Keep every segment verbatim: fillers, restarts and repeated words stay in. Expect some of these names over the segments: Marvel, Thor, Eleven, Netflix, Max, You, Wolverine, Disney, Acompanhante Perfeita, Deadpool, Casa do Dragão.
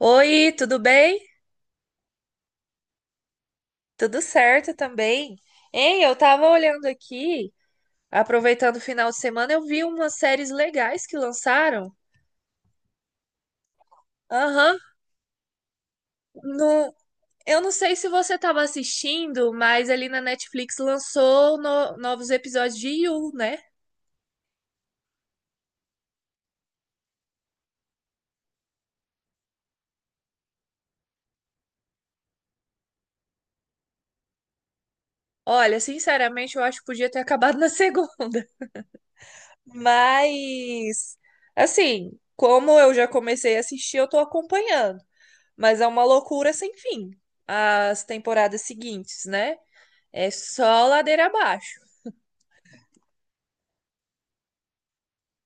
Oi, tudo bem? Tudo certo também. Hein, eu tava olhando aqui, aproveitando o final de semana, eu vi umas séries legais que lançaram. Aham. No, eu não sei se você tava assistindo, mas ali na Netflix lançou no- novos episódios de You, né? Olha, sinceramente, eu acho que podia ter acabado na segunda. Mas, assim, como eu já comecei a assistir, eu tô acompanhando. Mas é uma loucura sem fim, as temporadas seguintes, né? É só ladeira abaixo.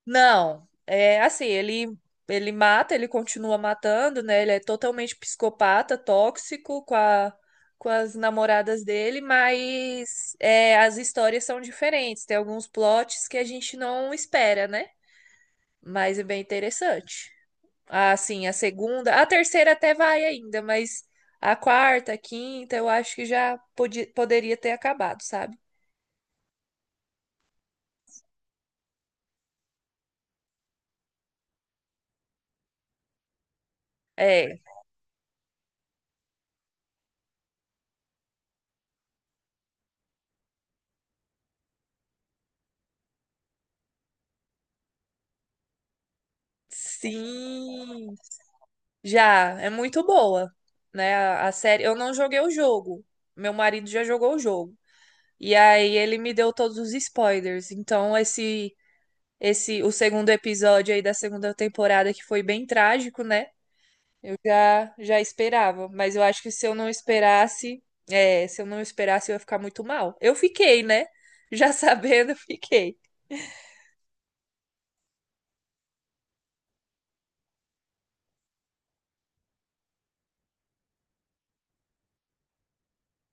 Não, é assim, ele ele mata, ele continua matando, né? Ele é totalmente psicopata, tóxico com a, com as namoradas dele, mas é, as histórias são diferentes. Tem alguns plots que a gente não espera, né? Mas é bem interessante. Ah, sim, a segunda, a terceira até vai ainda, mas a quarta, a quinta, eu acho que já podia, poderia ter acabado, sabe? É, sim. Já, é muito boa, né? A, a série. Eu não joguei o jogo. Meu marido já jogou o jogo. E aí ele me deu todos os spoilers. Então esse esse o segundo episódio aí da segunda temporada que foi bem trágico, né? Eu já já esperava, mas eu acho que se eu não esperasse, é, se eu não esperasse eu ia ficar muito mal. Eu fiquei, né? Já sabendo, eu fiquei.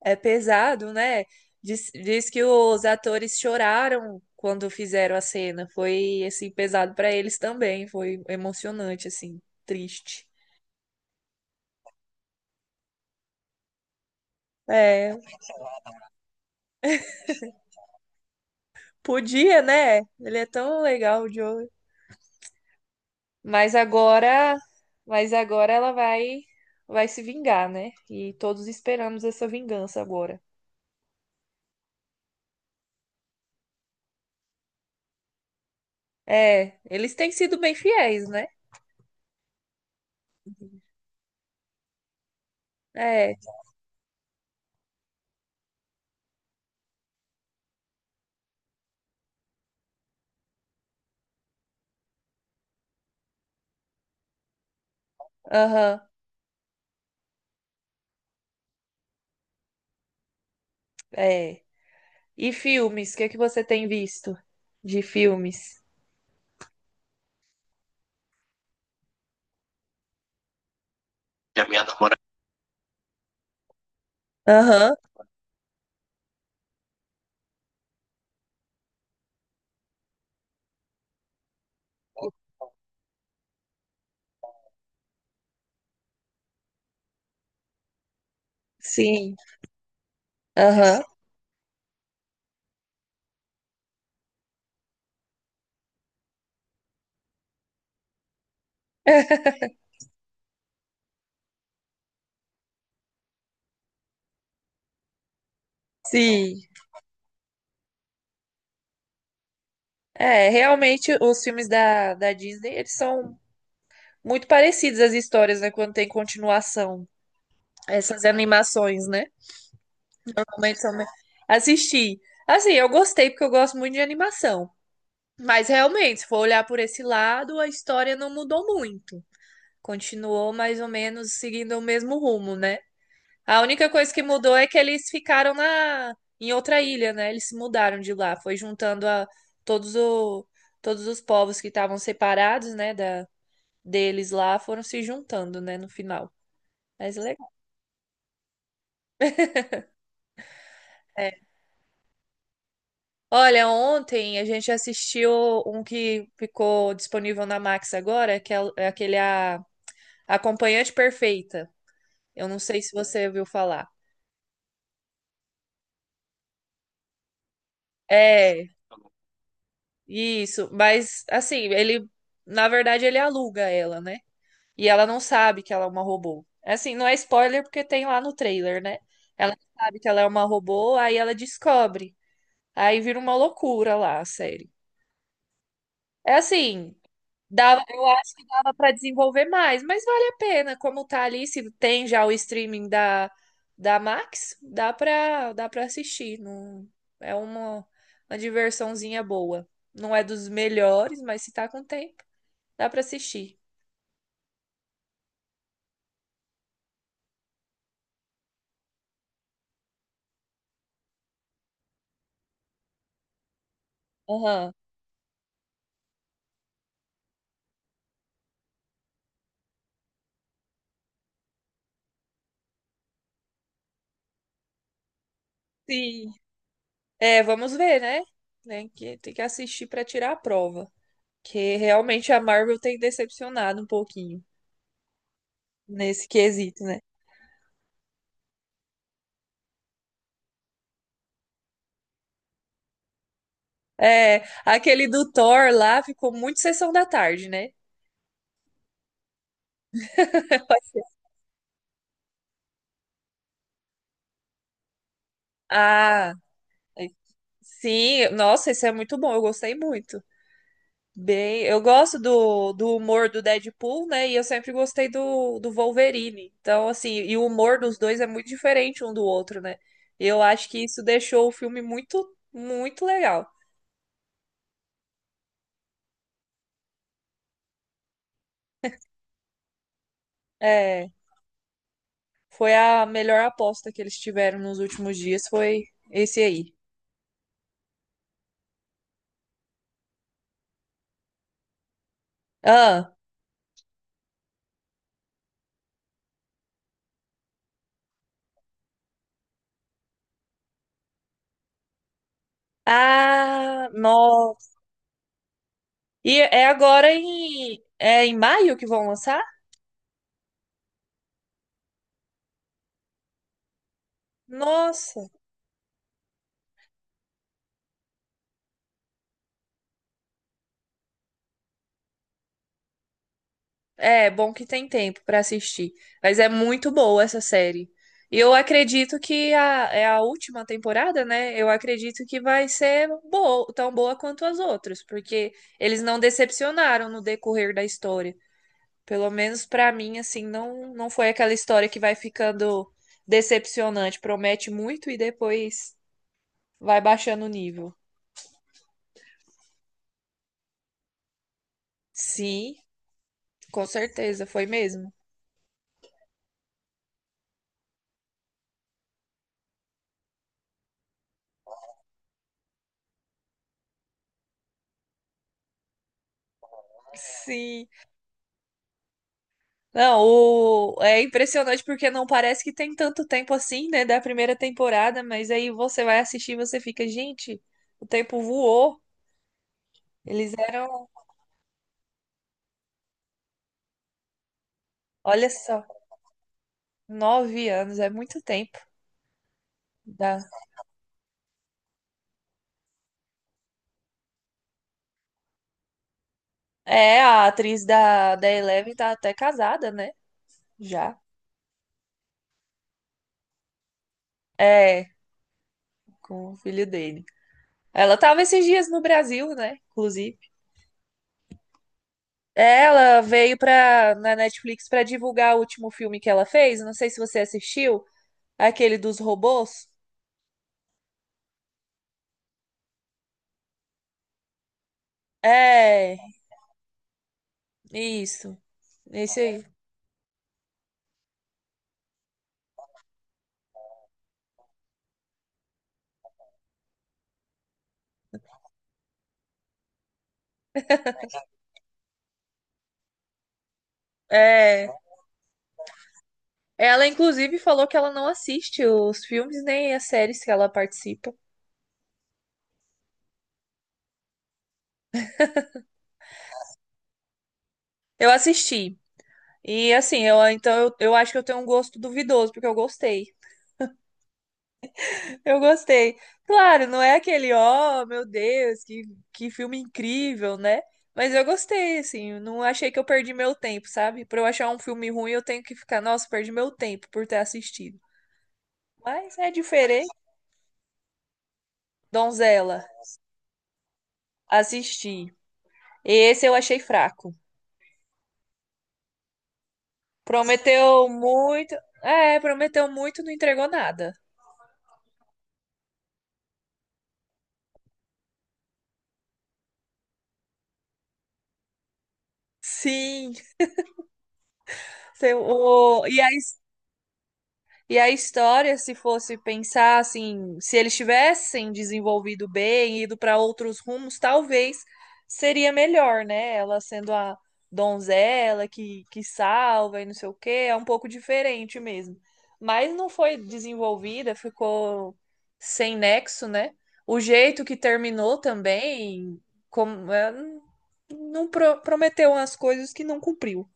É pesado, né? Diz, diz que os atores choraram quando fizeram a cena. Foi assim pesado pra eles também. Foi emocionante, assim, triste. É, podia, né? Ele é tão legal, o Joey. Mas agora, mas agora ela vai, vai se vingar, né? E todos esperamos essa vingança agora. É, eles têm sido bem fiéis, né? É, aham, é. E filmes? O que é que você tem visto de filmes? Que é a minha namorada. Aham, sim, aham, sim. É, realmente os filmes da, da Disney, eles são muito parecidos as histórias, né? Quando tem continuação. Essas animações, né? Realmente são me- Assisti. Assim, eu gostei porque eu gosto muito de animação. Mas realmente, se for olhar por esse lado, a história não mudou muito. Continuou mais ou menos seguindo o mesmo rumo, né? A única coisa que mudou é que eles ficaram na em outra ilha, né? Eles se mudaram de lá, foi juntando a todos o todos os povos que estavam separados, né, da deles lá, foram se juntando, né, no final. Mas é legal. Olha, ontem a gente assistiu um que ficou disponível na Max agora, que é é aquele a Acompanhante Perfeita. Eu não sei se você ouviu falar. É, isso, mas assim, ele na verdade ele aluga ela, né? E ela não sabe que ela é uma robô. É, assim, não é spoiler porque tem lá no trailer, né? Ela não sabe que ela é uma robô, aí ela descobre. Aí vira uma loucura lá a série. É assim, dava, eu acho que dava pra desenvolver mais, mas vale a pena. Como tá ali, se tem já o streaming da, da Max, dá pra, dá pra assistir. Não, é uma, uma diversãozinha boa. Não é dos melhores, mas se tá com tempo, dá pra assistir. Aham. Sim. É, vamos ver, né? Tem que, tem que assistir pra tirar a prova. Que realmente a Marvel tem decepcionado um pouquinho nesse quesito, né? É, aquele do Thor lá ficou muito sessão da tarde, né? Ah, é- sim, nossa, esse é muito bom, eu gostei muito. Bem, eu gosto do, do humor do Deadpool, né? E eu sempre gostei do, do Wolverine. Então, assim, e o humor dos dois é muito diferente um do outro, né? Eu acho que isso deixou o filme muito, muito legal. É. Foi a melhor aposta que eles tiveram nos últimos dias, foi esse aí. Ah, ah, nossa. E é agora em, é em maio que vão lançar? Nossa. É, bom que tem tempo pra assistir. Mas é muito boa essa série. E eu acredito que a, é a última temporada, né? Eu acredito que vai ser boa, tão boa quanto as outras, porque eles não decepcionaram no decorrer da história. Pelo menos pra mim, assim, não, não foi aquela história que vai ficando decepcionante. Promete muito e depois vai baixando o nível. Sim, com certeza, foi mesmo. Sim. Não, o... é impressionante porque não parece que tem tanto tempo assim, né, da primeira temporada, mas aí você vai assistir e você fica, gente, o tempo voou. Eles eram, olha só, nove anos, é muito tempo. Da... É, a atriz da, da Eleven tá até casada, né? Já. É, com o filho dele. Ela tava esses dias no Brasil, né? Inclusive. Ela veio pra, na Netflix pra divulgar o último filme que ela fez. Não sei se você assistiu, aquele dos robôs. É, isso. Esse aí. É. Ela, inclusive, falou que ela não assiste os filmes nem as séries que ela participa. Eu assisti. E assim, eu então eu, eu acho que eu tenho um gosto duvidoso, porque eu gostei. Eu gostei. Claro, não é aquele, ó, meu Deus, que, que filme incrível, né? Mas eu gostei, assim, eu não achei que eu perdi meu tempo, sabe? Pra eu achar um filme ruim, eu tenho que ficar, nossa, perdi meu tempo por ter assistido. Mas é diferente. Donzela, assisti. Esse eu achei fraco. Prometeu muito. É, prometeu muito, não entregou nada. Sim, seu- o- e aí. E a história, se fosse pensar assim, se eles tivessem desenvolvido bem, ido para outros rumos, talvez seria melhor, né? Ela sendo a donzela que, que salva e não sei o quê, é um pouco diferente mesmo. Mas não foi desenvolvida, ficou sem nexo, né? O jeito que terminou também, como é, não pro- prometeu umas coisas que não cumpriu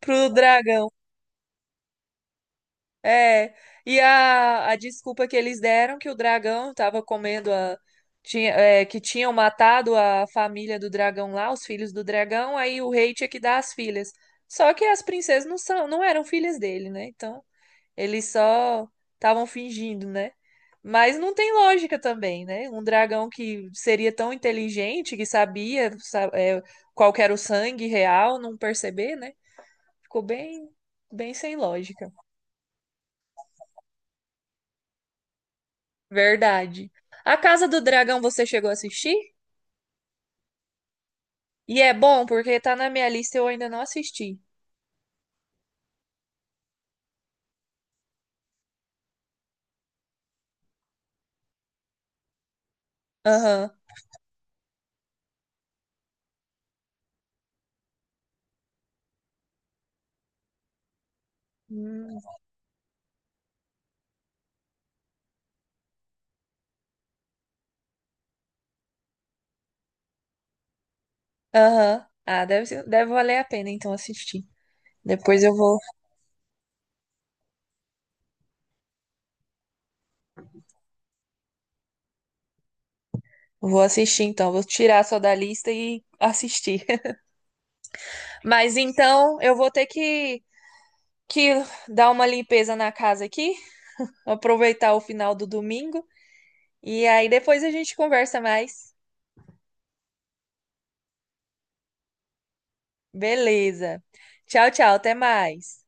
pro dragão. É, e a, a desculpa que eles deram que o dragão estava comendo a. Tinha, é, que tinham matado a família do dragão lá, os filhos do dragão, aí o rei tinha que dar as filhas. Só que as princesas não são, não eram filhas dele, né? Então, eles só estavam fingindo, né? Mas não tem lógica também, né? Um dragão que seria tão inteligente, que sabia, sa- é, qual que era o sangue real, não perceber, né? Ficou bem, bem sem lógica. Verdade. A Casa do Dragão você chegou a assistir? E é bom, porque tá na minha lista e eu ainda não assisti. Aham. Hum. Aham. Ah, deve, ser- deve valer a pena então assistir. Depois eu vou, vou assistir então. Vou tirar só da lista e assistir. Mas então eu vou ter que, que dar uma limpeza na casa aqui, aproveitar o final do domingo. E aí depois a gente conversa mais. Beleza. Tchau, tchau. Até mais.